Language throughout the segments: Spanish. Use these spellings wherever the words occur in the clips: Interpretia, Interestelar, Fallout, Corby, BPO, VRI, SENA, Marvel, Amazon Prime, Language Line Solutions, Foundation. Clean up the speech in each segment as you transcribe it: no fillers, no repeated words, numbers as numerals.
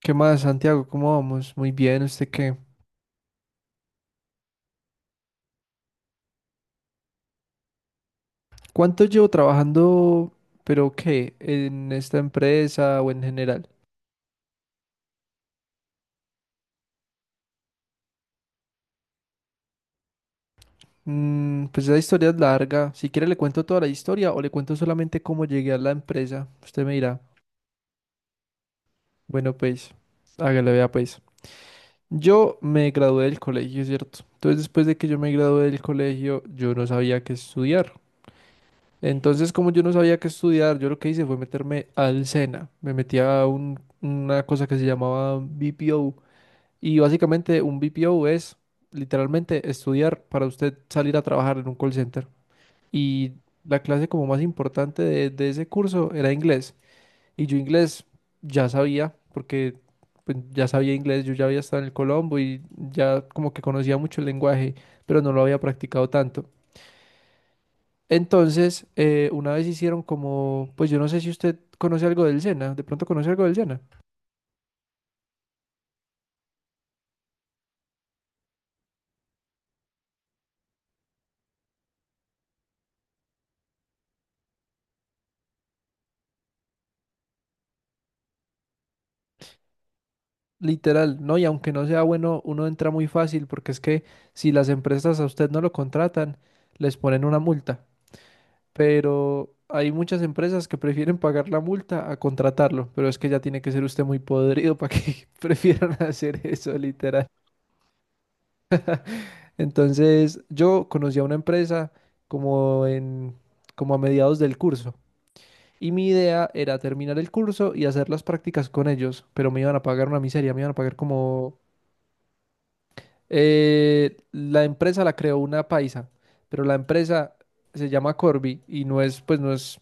¿Qué más, Santiago? ¿Cómo vamos? Muy bien, ¿usted qué? ¿Cuánto llevo trabajando, pero qué, en esta empresa o en general? Pues esa historia es larga. Si quiere le cuento toda la historia o le cuento solamente cómo llegué a la empresa. Usted me dirá, bueno, pues, hágale, vea, pues. Yo me gradué del colegio, ¿cierto? Entonces, después de que yo me gradué del colegio, yo no sabía qué estudiar. Entonces, como yo no sabía qué estudiar, yo lo que hice fue meterme al SENA. Me metí a una cosa que se llamaba BPO. Y básicamente un BPO es literalmente estudiar para usted salir a trabajar en un call center. Y la clase como más importante de ese curso era inglés. Y yo inglés ya sabía, porque pues, ya sabía inglés, yo ya había estado en el Colombo y ya como que conocía mucho el lenguaje, pero no lo había practicado tanto. Entonces, una vez hicieron como, pues yo no sé si usted conoce algo del Sena, de pronto conoce algo del Sena. Literal, ¿no? Y aunque no sea bueno, uno entra muy fácil porque es que si las empresas a usted no lo contratan, les ponen una multa. Pero hay muchas empresas que prefieren pagar la multa a contratarlo, pero es que ya tiene que ser usted muy podrido para que prefieran hacer eso, literal. Entonces, yo conocí a una empresa como en, como a mediados del curso. Y mi idea era terminar el curso y hacer las prácticas con ellos, pero me iban a pagar una miseria, me iban a pagar como… la empresa la creó una paisa, pero la empresa se llama Corby y no es, pues no es,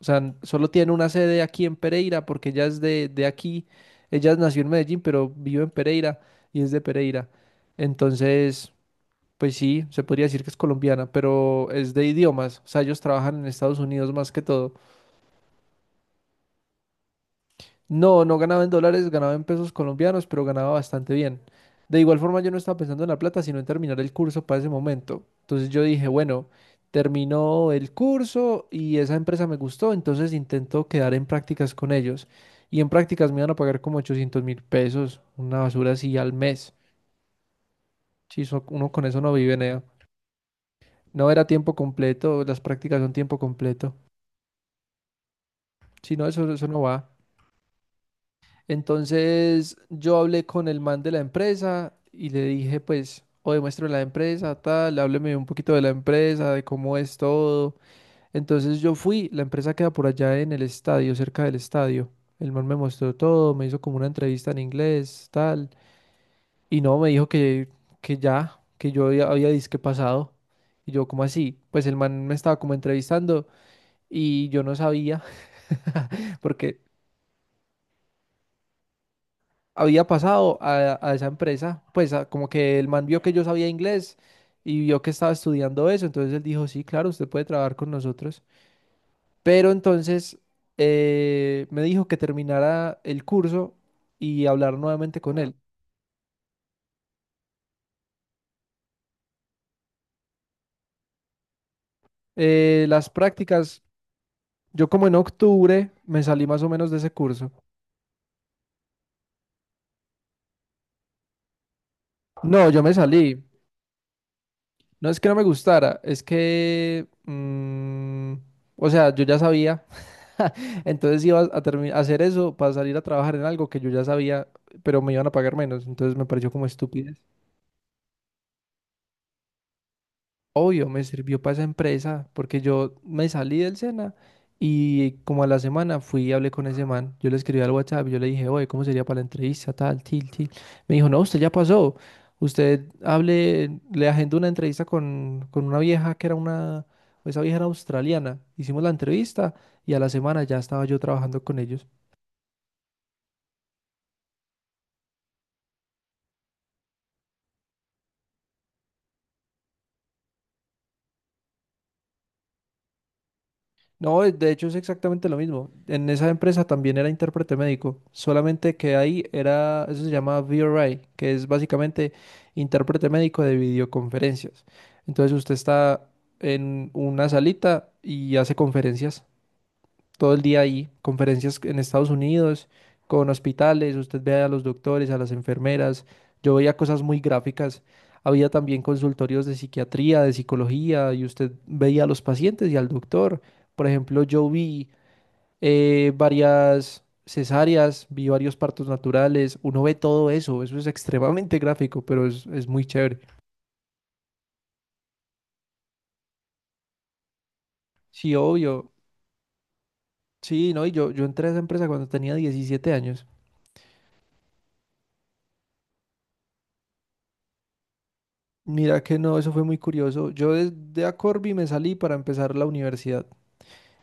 o sea, solo tiene una sede aquí en Pereira porque ella es de aquí, ella nació en Medellín, pero vive en Pereira y es de Pereira. Entonces, pues sí, se podría decir que es colombiana, pero es de idiomas, o sea, ellos trabajan en Estados Unidos más que todo. No, no ganaba en dólares, ganaba en pesos colombianos, pero ganaba bastante bien. De igual forma, yo no estaba pensando en la plata, sino en terminar el curso para ese momento. Entonces yo dije, bueno, terminó el curso y esa empresa me gustó, entonces intento quedar en prácticas con ellos. Y en prácticas me iban a pagar como $800.000, una basura así al mes. Si uno con eso no vive, nea. No era tiempo completo, las prácticas son tiempo completo. Si no, eso no va. Entonces yo hablé con el man de la empresa y le dije, pues, o demuestro la empresa, tal, hábleme un poquito de la empresa, de cómo es todo. Entonces yo fui, la empresa queda por allá en el estadio, cerca del estadio. El man me mostró todo, me hizo como una entrevista en inglés, tal, y no, me dijo que ya, que yo había disque pasado. Y yo, ¿cómo así? Pues el man me estaba como entrevistando y yo no sabía, porque había pasado a esa empresa, pues como que el man vio que yo sabía inglés y vio que estaba estudiando eso, entonces él dijo, sí, claro, usted puede trabajar con nosotros, pero entonces me dijo que terminara el curso y hablar nuevamente con él. Las prácticas, yo como en octubre me salí más o menos de ese curso. No, yo me salí. No es que no me gustara, es que, o sea, yo ya sabía. Entonces iba a, a hacer eso para salir a trabajar en algo que yo ya sabía, pero me iban a pagar menos. Entonces me pareció como estupidez. Obvio, me sirvió para esa empresa porque yo me salí del SENA y como a la semana fui y hablé con ese man. Yo le escribí al WhatsApp yo le dije, oye, ¿cómo sería para la entrevista? Tal, til, til. Me dijo, no, usted ya pasó. Usted hable, le agendó una entrevista con una vieja que era una, esa vieja era australiana. Hicimos la entrevista y a la semana ya estaba yo trabajando con ellos. No, de hecho es exactamente lo mismo. En esa empresa también era intérprete médico, solamente que ahí era, eso se llama VRI, que es básicamente intérprete médico de videoconferencias. Entonces usted está en una salita y hace conferencias todo el día ahí, conferencias en Estados Unidos, con hospitales, usted ve a los doctores, a las enfermeras, yo veía cosas muy gráficas, había también consultorios de psiquiatría, de psicología, y usted veía a los pacientes y al doctor. Por ejemplo, yo vi varias cesáreas, vi varios partos naturales, uno ve todo eso, eso es extremadamente gráfico, pero es muy chévere. Sí, obvio. Sí, no, yo entré a esa empresa cuando tenía 17 años. Mira que no, eso fue muy curioso. Yo de Acorbi me salí para empezar la universidad.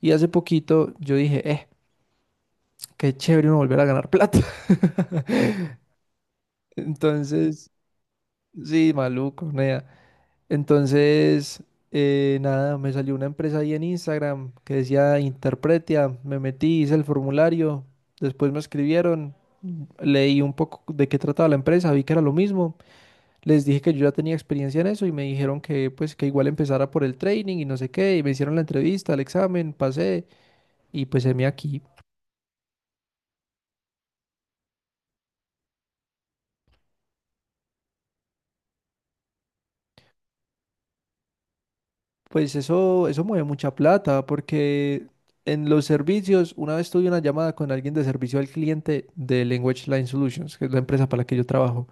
Y hace poquito yo dije, qué chévere uno volver a ganar plata. Entonces, sí, maluco, nea. Entonces, nada, me salió una empresa ahí en Instagram que decía Interpretia. Me metí, hice el formulario. Después me escribieron, leí un poco de qué trataba la empresa, vi que era lo mismo. Les dije que yo ya tenía experiencia en eso y me dijeron que pues que igual empezara por el training y no sé qué, y me hicieron la entrevista, el examen, pasé y pues heme aquí. Pues eso mueve mucha plata porque en los servicios, una vez tuve una llamada con alguien de servicio al cliente de Language Line Solutions, que es la empresa para la que yo trabajo.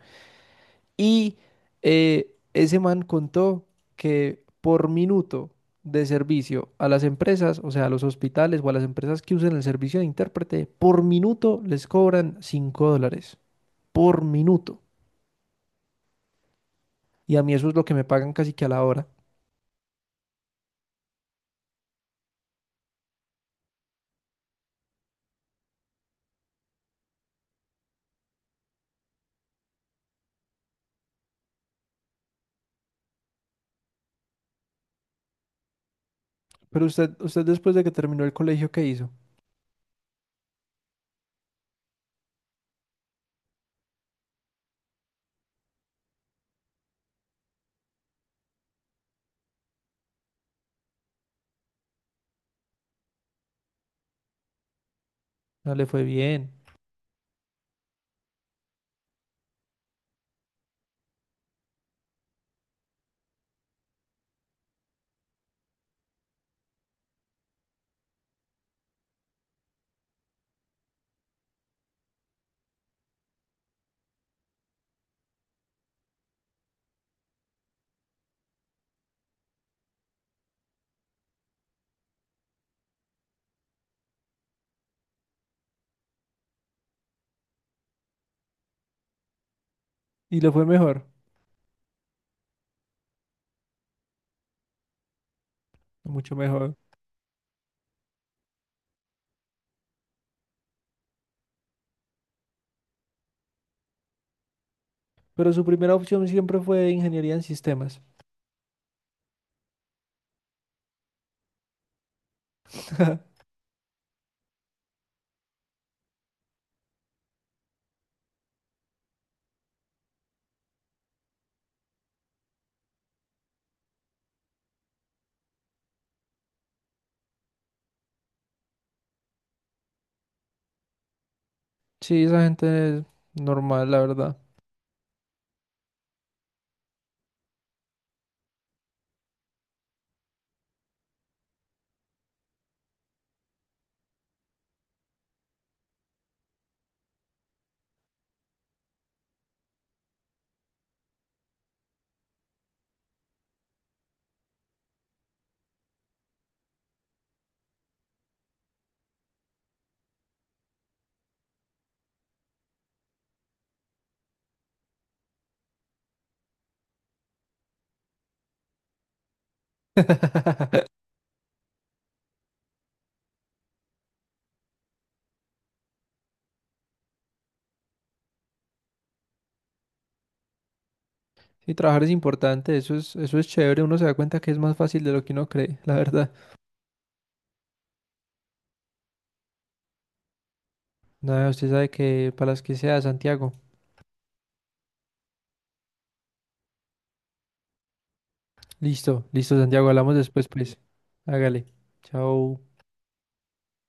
Y ese man contó que por minuto de servicio a las empresas, o sea, a los hospitales o a las empresas que usen el servicio de intérprete, por minuto les cobran 5 dólares. Por minuto. Y a mí eso es lo que me pagan casi que a la hora. Pero usted después de que terminó el colegio, ¿qué hizo? No le fue bien. Y le fue mejor. Mucho mejor. Pero su primera opción siempre fue ingeniería en sistemas. Sí, esa gente es normal, la verdad. Sí, trabajar es importante, eso es chévere, uno se da cuenta que es más fácil de lo que uno cree, la verdad. Nada, usted sabe que para las que sea, Santiago. Listo, listo, Santiago, hablamos después, pues. Hágale. Chao.